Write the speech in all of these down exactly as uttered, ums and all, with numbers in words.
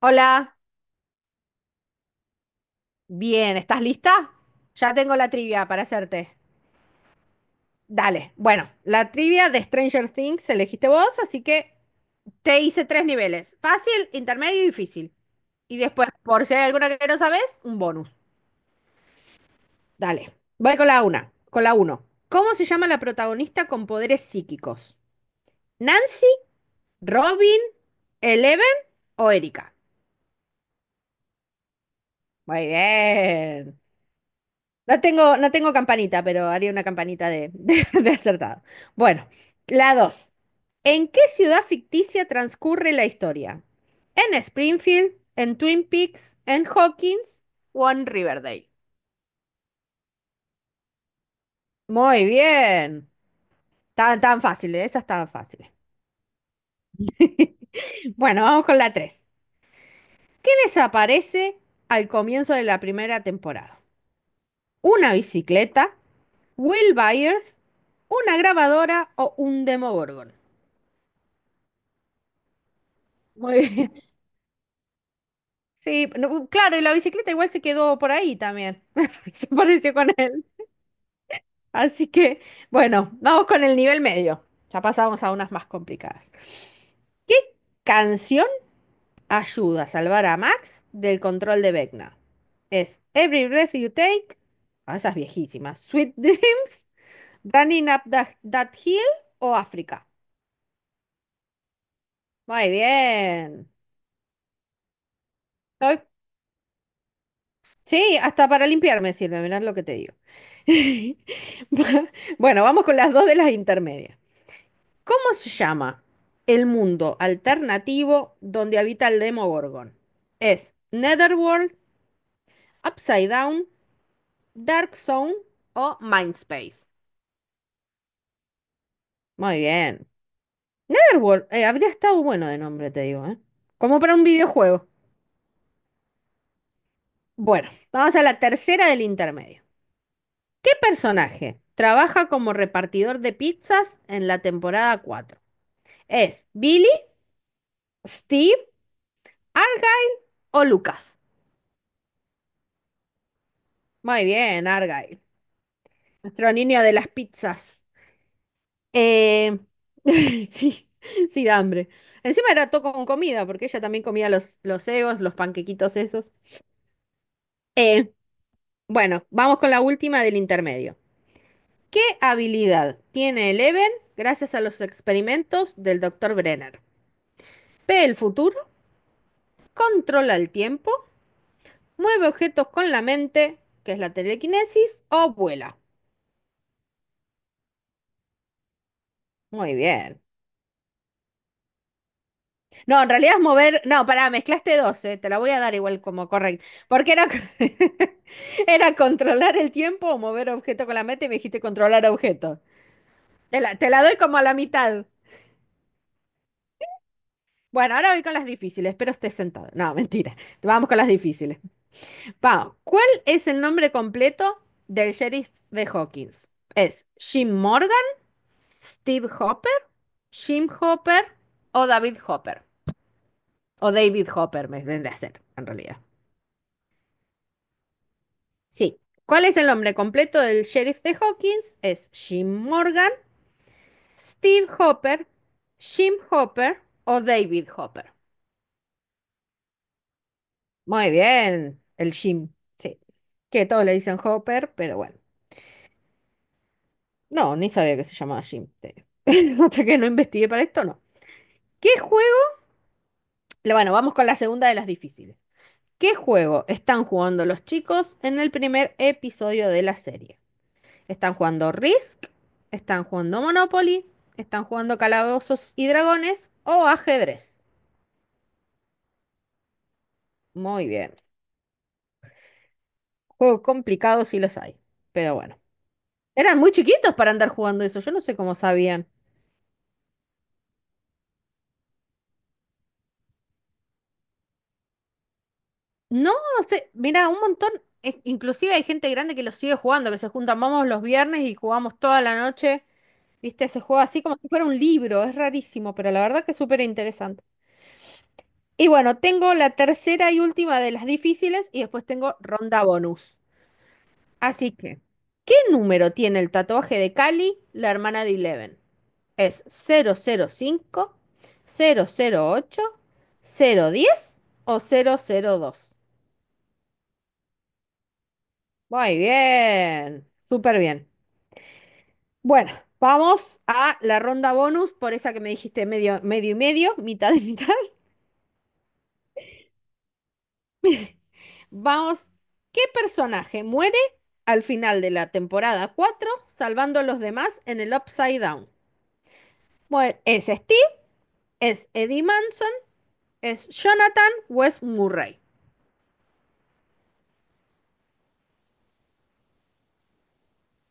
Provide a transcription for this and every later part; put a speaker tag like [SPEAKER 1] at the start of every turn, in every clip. [SPEAKER 1] Hola, bien, ¿estás lista? Ya tengo la trivia para hacerte. Dale, bueno, la trivia de Stranger Things elegiste vos, así que te hice tres niveles, fácil, intermedio y difícil. Y después, por si hay alguna que no sabes, un bonus. Dale, voy con la una, con la uno. ¿Cómo se llama la protagonista con poderes psíquicos? ¿Nancy, Robin, Eleven o Erika? Muy bien. No tengo, no tengo campanita, pero haría una campanita de, de, de acertado. Bueno, la dos. ¿En qué ciudad ficticia transcurre la historia? ¿En Springfield, en Twin Peaks, en Hawkins o en Riverdale? Muy bien. Tan, tan fáciles, esas tan fáciles. Bueno, vamos con la tres. ¿Qué desaparece al comienzo de la primera temporada? ¿Una bicicleta? ¿Will Byers? ¿Una grabadora o un Demogorgon? Muy bien. Sí, no, claro, y la bicicleta igual se quedó por ahí también. Se pareció con él. Así que, bueno, vamos con el nivel medio. Ya pasamos a unas más complicadas. ¿Qué canción ayuda a salvar a Max del control de Vecna? Es Every Breath You Take, ah, esas viejísimas, Sweet Dreams, Running Up That, That Hill o África. Muy bien. Estoy Sí, hasta para limpiarme sirve, mirá lo que te digo. Bueno, vamos con las dos de las intermedias. ¿Cómo se llama el mundo alternativo donde habita el Demogorgon? ¿Es Netherworld, Upside Down, Dark Zone o Mindspace? Muy bien. Netherworld, eh, habría estado bueno de nombre, te digo, ¿eh? Como para un videojuego. Bueno, vamos a la tercera del intermedio. ¿Qué personaje trabaja como repartidor de pizzas en la temporada cuatro? ¿Es Billy, Steve, Argyle o Lucas? Muy bien, Argyle. Nuestro niño de las pizzas. Eh, sí, sí, da hambre. Encima era todo con comida, porque ella también comía los, los egos, los panquequitos esos. Eh, bueno, vamos con la última del intermedio. ¿Qué habilidad tiene Eleven gracias a los experimentos del doctor Brenner? Ve el futuro, controla el tiempo, mueve objetos con la mente, que es la telequinesis, o vuela. Muy bien. No, en realidad es mover. No, pará, mezclaste dos, eh, te la voy a dar igual como correcto. Porque era, era controlar el tiempo o mover objeto con la meta y me dijiste controlar objeto. Te la, te la doy como a la mitad. Bueno, ahora voy con las difíciles. Espero estés sentado. No, mentira. Vamos con las difíciles. Vamos. ¿Cuál es el nombre completo del sheriff de Hawkins? ¿Es Jim Morgan, Steve Hopper, Jim Hopper o David Hopper? O David Hopper, me vendría a ser, en realidad. Sí. ¿Cuál es el nombre completo del sheriff de Hawkins? ¿Es Jim Morgan, Steve Hopper, Jim Hopper o David Hopper? Muy bien, el Jim. Sí. Que todos le dicen Hopper, pero bueno. No, ni sabía que se llamaba Jim. te- Hasta que no investigué para esto, no. ¿Qué juego? Le- Bueno, vamos con la segunda de las difíciles. ¿Qué juego están jugando los chicos en el primer episodio de la serie? Están jugando Risk, están jugando Monopoly, están jugando Calabozos y Dragones o ajedrez. Muy bien. Juegos complicados sí los hay, pero bueno. Eran muy chiquitos para andar jugando eso, yo no sé cómo sabían. No sé, mira, un montón, e- inclusive hay gente grande que lo sigue jugando, que se juntan, vamos los viernes y jugamos toda la noche. ¿Viste? Se juega así como si fuera un libro, es rarísimo, pero la verdad que es súper interesante. Y bueno, tengo la tercera y última de las difíciles y después tengo ronda bonus. Así que, ¿qué número tiene el tatuaje de Cali, la hermana de Eleven? ¿Es cero cero cinco, cero cero cinco ocho cero diez o cero cero dos? Muy bien, súper bien. Bueno, vamos a la ronda bonus, por esa que me dijiste medio, medio y medio, mitad y mitad. Vamos, ¿qué personaje muere al final de la temporada cuatro salvando a los demás en el Upside Down? Bueno, ¿es Steve? ¿Es Eddie Manson? ¿Es Jonathan o es Murray?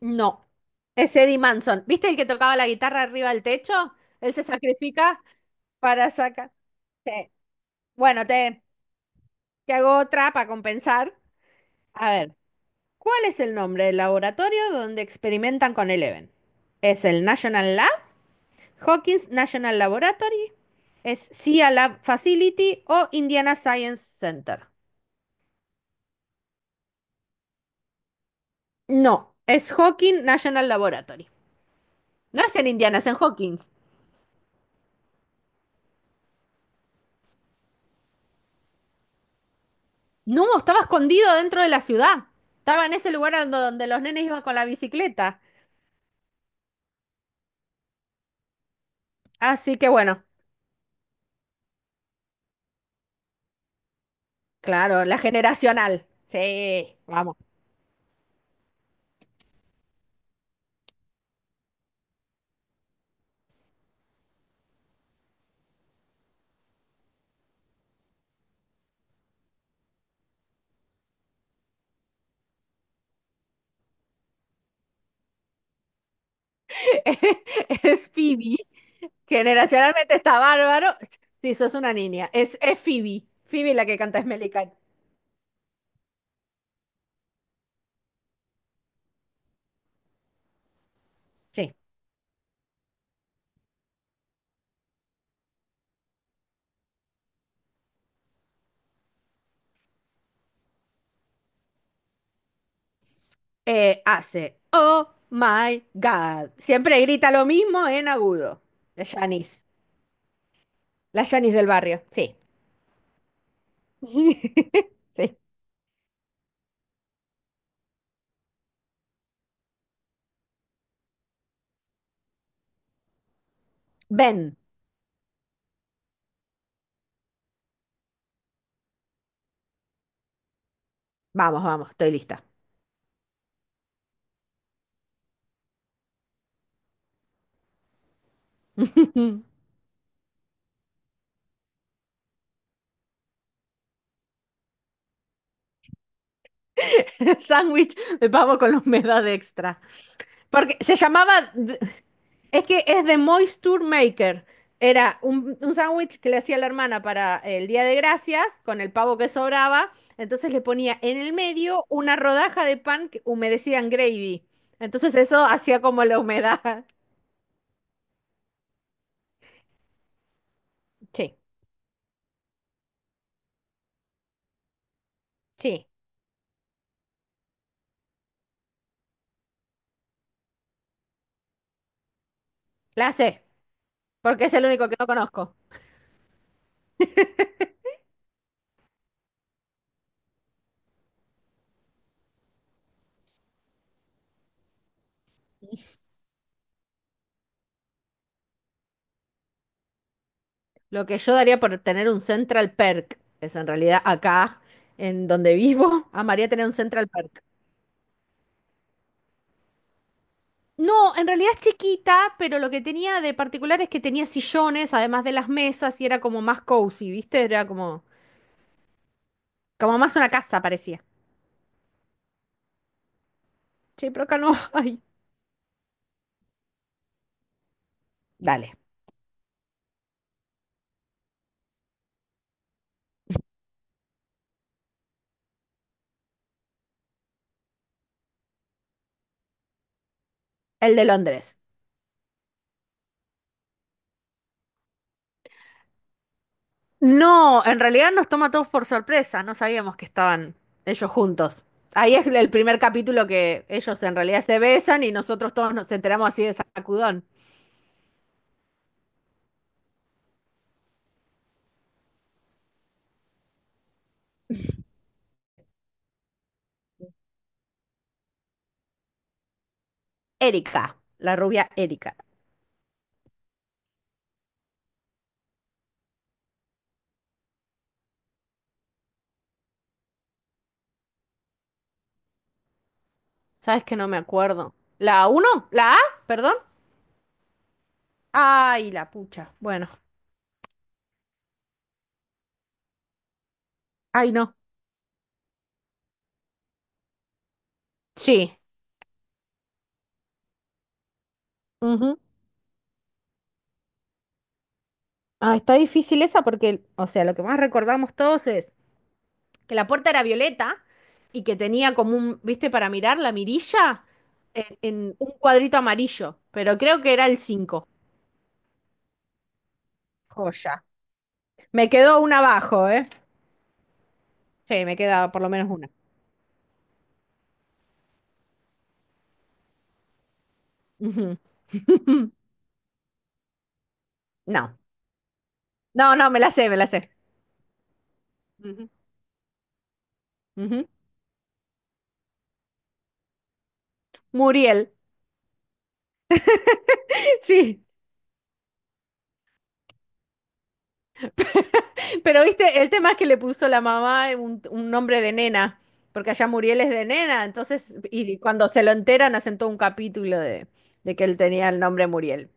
[SPEAKER 1] No, es Eddie Manson. ¿Viste el que tocaba la guitarra arriba del techo? Él se sacrifica para sacar. Sí. Bueno, te, te hago otra para compensar. A ver, ¿cuál es el nombre del laboratorio donde experimentan con Eleven? ¿Es el National Lab? ¿Hawkins National Laboratory? ¿Es C I A Lab Facility o Indiana Science Center? No, es Hawkins National Laboratory. No es en Indiana, es en Hawkins. No, estaba escondido dentro de la ciudad. Estaba en ese lugar ando- donde los nenes iban con la bicicleta. Así que bueno, claro, la generacional. Sí, vamos. Es Phoebe. Generacionalmente está bárbaro. Sí, sos una niña. Es, es Phoebe. Phoebe la que canta Smelly Cat. Sí. Eh, hace, oh my God. Siempre grita lo mismo en agudo. La Janice. La Janice del barrio. Sí. Sí. Ven. Vamos, vamos, estoy lista. Sándwich de pavo con la humedad extra. Porque se llamaba, d- es que es de Moisture Maker. Era un, un sándwich que le hacía la hermana para el Día de Gracias con el pavo que sobraba. Entonces le ponía en el medio una rodaja de pan que- humedecida en gravy. Entonces eso hacía como la humedad. Sí, sí, la sé, porque es el único que no conozco. Lo que yo daría por tener un Central Perk, es en realidad acá en donde vivo, amaría tener un Central Perk. No, en realidad es chiquita, pero lo que tenía de particular es que tenía sillones, además de las mesas, y era como más cozy, ¿viste? Era como, como más una casa, parecía. Sí, pero acá no hay. Dale, el de Londres. No, en realidad nos toma a todos por sorpresa, no sabíamos que estaban ellos juntos. Ahí es el primer capítulo que ellos en realidad se besan y nosotros todos nos enteramos así de sacudón. Erika, la rubia Erika. ¿Sabes que no me acuerdo? ¿La uno, ¿la A? ¿Perdón? Ay, la pucha. Bueno. Ay, no. Sí. Ujú. Ah, está difícil esa porque, o sea, lo que más recordamos todos es que la puerta era violeta y que tenía como un, viste, para mirar la mirilla en, en un cuadrito amarillo, pero creo que era el cinco. Joya. Me quedó una abajo, ¿eh? Sí, me queda por lo menos una. Ujú. No. No, no, me la sé, me la sé. Ujú. Ujú. Muriel. Sí. Pero viste, el tema es que le puso la mamá un, un nombre de nena, porque allá Muriel es de nena, entonces, y cuando se lo enteran, hacen todo un capítulo de, de que él tenía el nombre Muriel.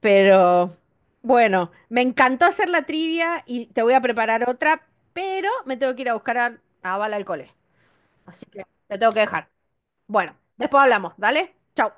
[SPEAKER 1] Pero bueno, me encantó hacer la trivia y te voy a preparar otra, pero me tengo que ir a buscar a, a Bala al cole. Así que te tengo que dejar. Bueno, después hablamos, ¿dale? Chau.